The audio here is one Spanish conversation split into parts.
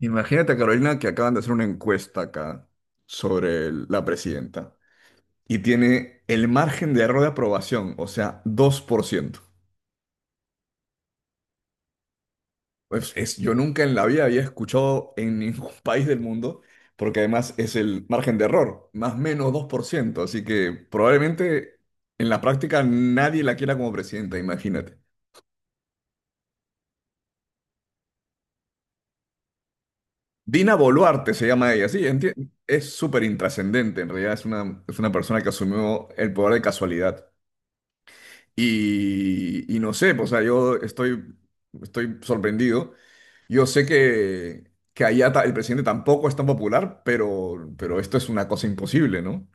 Imagínate, Carolina, que acaban de hacer una encuesta acá sobre la presidenta y tiene el margen de error de aprobación, o sea, 2%. Pues es, yo nunca en la vida había escuchado en ningún país del mundo, porque además es el margen de error, más o menos dos por ciento, así que probablemente en la práctica nadie la quiera como presidenta, imagínate. Dina Boluarte se llama ella, sí, es súper intrascendente, en realidad es una persona que asumió el poder de casualidad. Y no sé, pues, o sea, estoy sorprendido. Yo sé que allá el presidente tampoco es tan popular, pero esto es una cosa imposible, ¿no?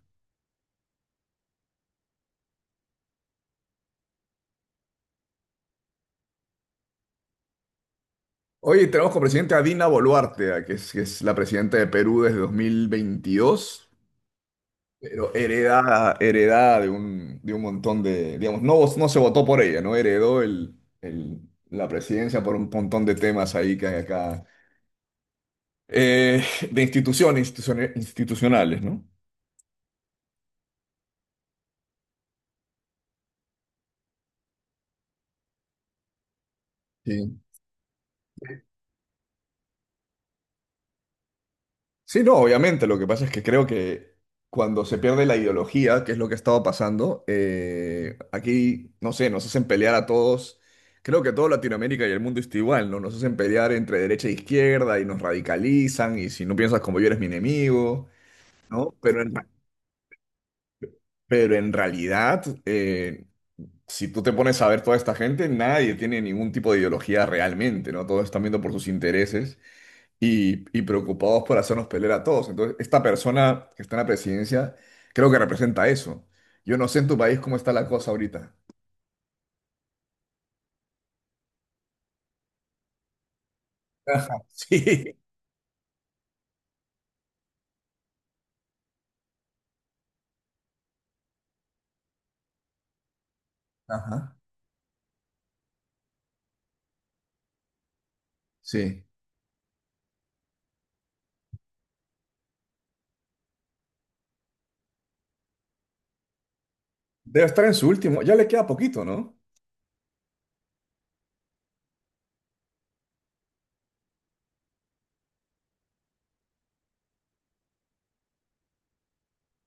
Oye, tenemos como presidente a Dina Boluarte, que es la presidenta de Perú desde 2022, pero heredada, heredada de un montón de, digamos, no, no se votó por ella, ¿no? Heredó el- la presidencia por un montón de temas ahí que hay acá, eh, de instituciones institucionales, ¿no? Sí. Sí, no, obviamente. Lo que pasa es que creo que cuando se pierde la ideología, que es lo que ha estado pasando, aquí, no sé, nos hacen pelear a todos. Creo que toda Latinoamérica y el mundo está igual, ¿no? Nos hacen pelear entre derecha e izquierda y nos radicalizan y si no piensas como yo eres mi enemigo, ¿no? Pero en realidad, si tú te pones a ver toda esta gente, nadie tiene ningún tipo de ideología realmente, ¿no? Todos están viendo por sus intereses y preocupados por hacernos pelear a todos. Entonces, esta persona que está en la presidencia creo que representa eso. Yo no sé en tu país cómo está la cosa ahorita. Sí. Ajá. Sí. Debe estar en su último. Ya le queda poquito, ¿no?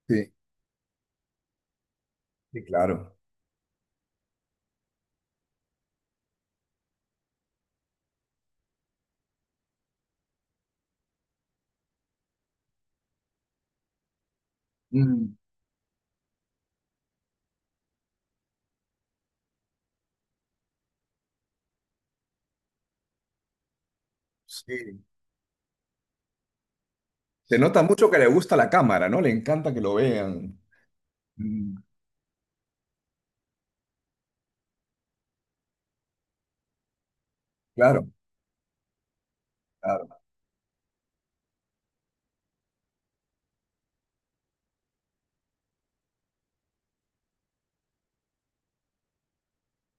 Sí, sí, claro. Mm, sí. Se nota mucho que le gusta la cámara, ¿no? Le encanta que lo vean. Mm, claro.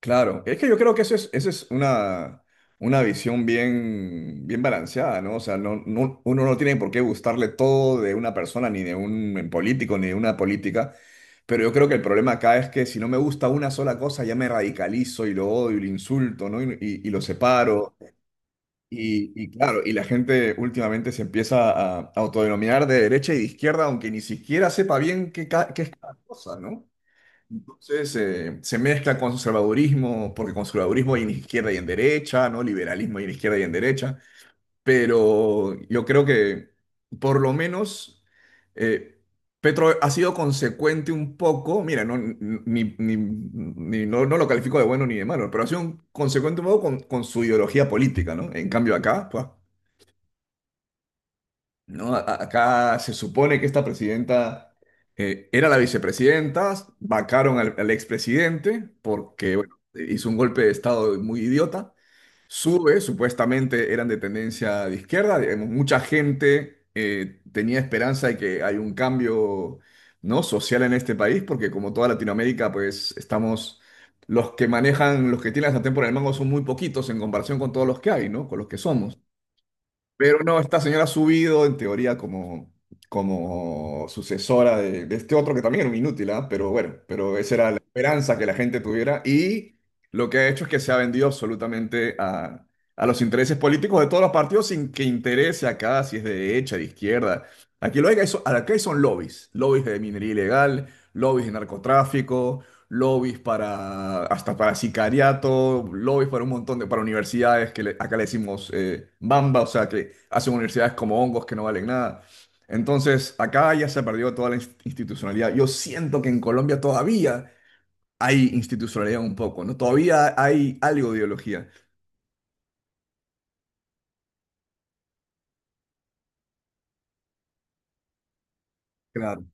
Claro, es que yo creo que eso es una visión bien, bien balanceada, ¿no? O sea, no, uno no tiene por qué gustarle todo de una persona, ni de un político, ni de una política, pero yo creo que el problema acá es que si no me gusta una sola cosa, ya me radicalizo y lo odio y lo insulto, ¿no? Y lo separo. Y claro, y la gente últimamente se empieza a autodenominar de derecha y de izquierda, aunque ni siquiera sepa bien qué, qué es cada cosa, ¿no? Entonces se mezcla con conservadurismo, porque conservadurismo hay en izquierda y en derecha, ¿no? Liberalismo hay en izquierda y en derecha, pero yo creo que por lo menos eh, Petro ha sido consecuente un poco, mira, no, no, no lo califico de bueno ni de malo, pero ha sido consecuente un poco con su ideología política, ¿no? En cambio acá, pues, no, acá se supone que esta presidenta era la vicepresidenta, vacaron al expresidente porque bueno, hizo un golpe de estado muy idiota, sube, supuestamente eran de tendencia de izquierda, digamos, mucha gente tenía esperanza de que hay un cambio, ¿no? Social en este país, porque como toda Latinoamérica, pues estamos, los que manejan, los que tienen la sartén por el mango son muy poquitos en comparación con todos los que hay, ¿no? Con los que somos. Pero no, esta señora ha subido en teoría como, como sucesora de este otro que también era un inútil, ¿ah? Pero bueno, pero esa era la esperanza que la gente tuviera y lo que ha hecho es que se ha vendido absolutamente a los intereses políticos de todos los partidos sin que interese acá si es de derecha, de izquierda. Aquí lo hay, que hay, acá hay son lobbies, lobbies de minería ilegal, lobbies de narcotráfico, lobbies para hasta para sicariato, lobbies para un montón de para universidades acá le decimos bamba, o sea que hacen universidades como hongos que no valen nada. Entonces, acá ya se perdió toda la institucionalidad. Yo siento que en Colombia todavía hay institucionalidad un poco, ¿no? Todavía hay algo de ideología. Claro,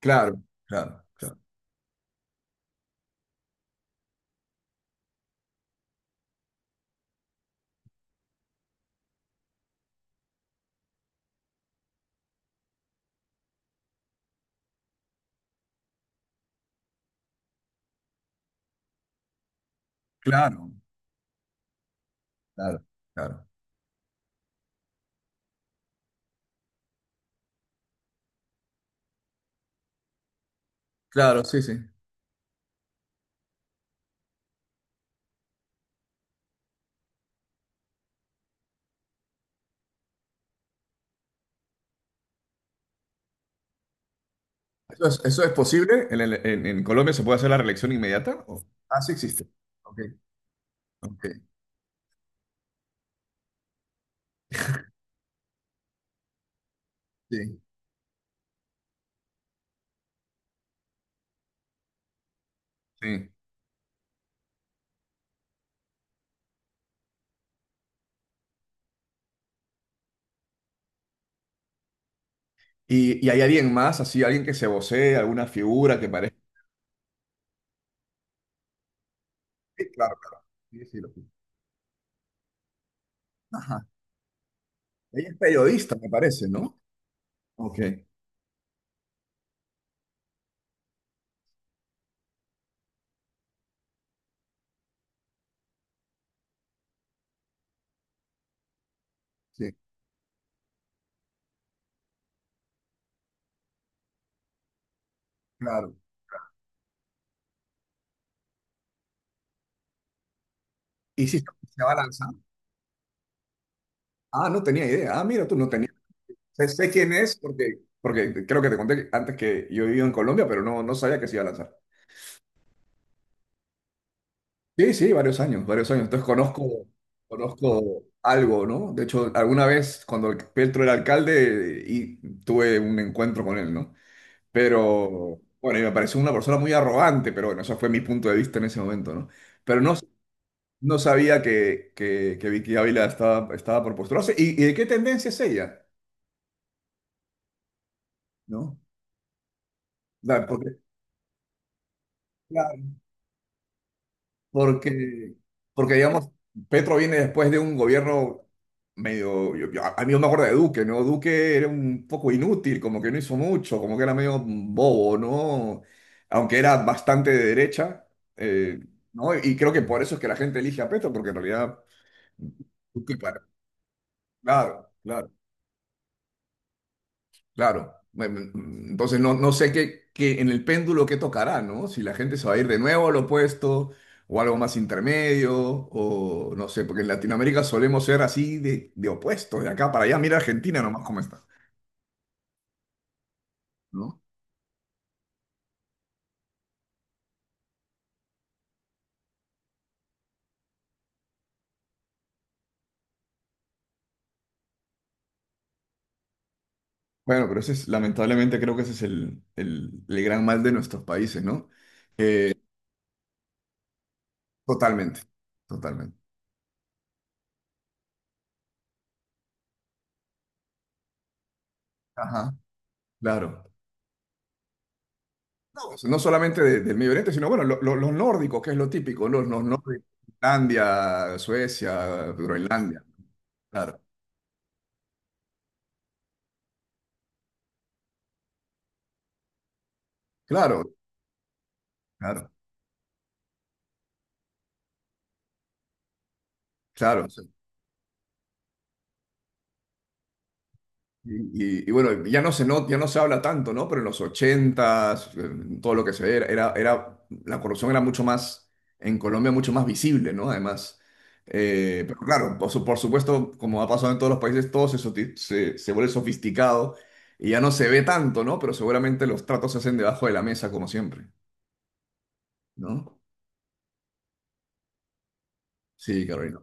claro, claro, claro, claro, claro, claro, claro, sí, sí. Eso es posible? En Colombia se puede hacer la reelección inmediata? ¿O? Ah, sí existe. Ok, ok, sí, sí. Y hay alguien más, así, alguien que se vocee, alguna figura que parezca. Sí, claro, claro. Sí, sí, lo vi. Ajá. Ella es periodista, me parece, ¿no? Ok, sí, claro. ¿Y si se va a lanzar? Ah, no tenía idea. Ah, mira, tú no tenías. Sé, sé quién es porque creo que te conté antes que yo vivía en Colombia, pero no, no sabía que se iba a lanzar. Sí, sí, varios años, varios años. Entonces conozco, conozco algo, ¿no? De hecho, alguna vez cuando Petro era alcalde y tuve un encuentro con él, ¿no? Pero bueno, y me pareció una persona muy arrogante, pero bueno, eso fue mi punto de vista en ese momento, ¿no? Pero no, no sabía que Vicky Ávila estaba, estaba por postularse. ¿Y de qué tendencia es ella? ¿No? Porque, porque, porque digamos, Petro viene después de un gobierno medio, a mí yo me acuerdo de Duque, ¿no? Duque era un poco inútil, como que no hizo mucho, como que era medio bobo, ¿no? Aunque era bastante de derecha, eh, ¿no? Y creo que por eso es que la gente elige a Petro, porque en realidad Duque para... Claro, claro. Claro. Em, entonces no, no sé qué, qué en el péndulo qué tocará, ¿no? Si la gente se va a ir de nuevo a lo opuesto o algo más intermedio o no sé, porque en Latinoamérica solemos ser así de opuesto, de acá para allá. Mira Argentina nomás cómo está, ¿no? Bueno, pero ese es, lamentablemente creo que ese es el gran mal de nuestros países, ¿no? Eh, totalmente, totalmente. Ajá. Claro. Todos, no solamente del Medio Oriente, sino bueno, los nórdicos, que es lo típico, los nórdicos, Finlandia, Suecia, Groenlandia, claro, claro, claro, claro. Sí. Y bueno, ya no se no, ya no se habla tanto, ¿no? Pero en los 80s, en todo lo que se ve, la corrupción era mucho más, en Colombia, mucho más visible, ¿no? Además, pero claro, por, por supuesto, como ha pasado en todos los países, todo se, se vuelve sofisticado y ya no se ve tanto, ¿no? Pero seguramente los tratos se hacen debajo de la mesa, como siempre, ¿no? Sí, Carolina.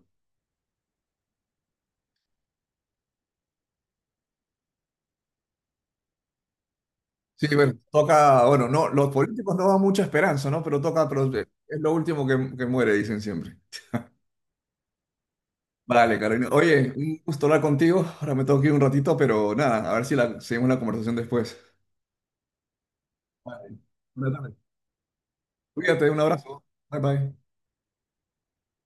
Sí, bueno, toca, bueno, no, los políticos no dan mucha esperanza, ¿no? Pero toca, pero es lo último que muere, dicen siempre. Vale, Carolina. Oye, un gusto hablar contigo. Ahora me tengo que ir un ratito, pero nada, a ver si la, seguimos la conversación después. Vale. Buena tarde. Cuídate, un abrazo. Bye bye.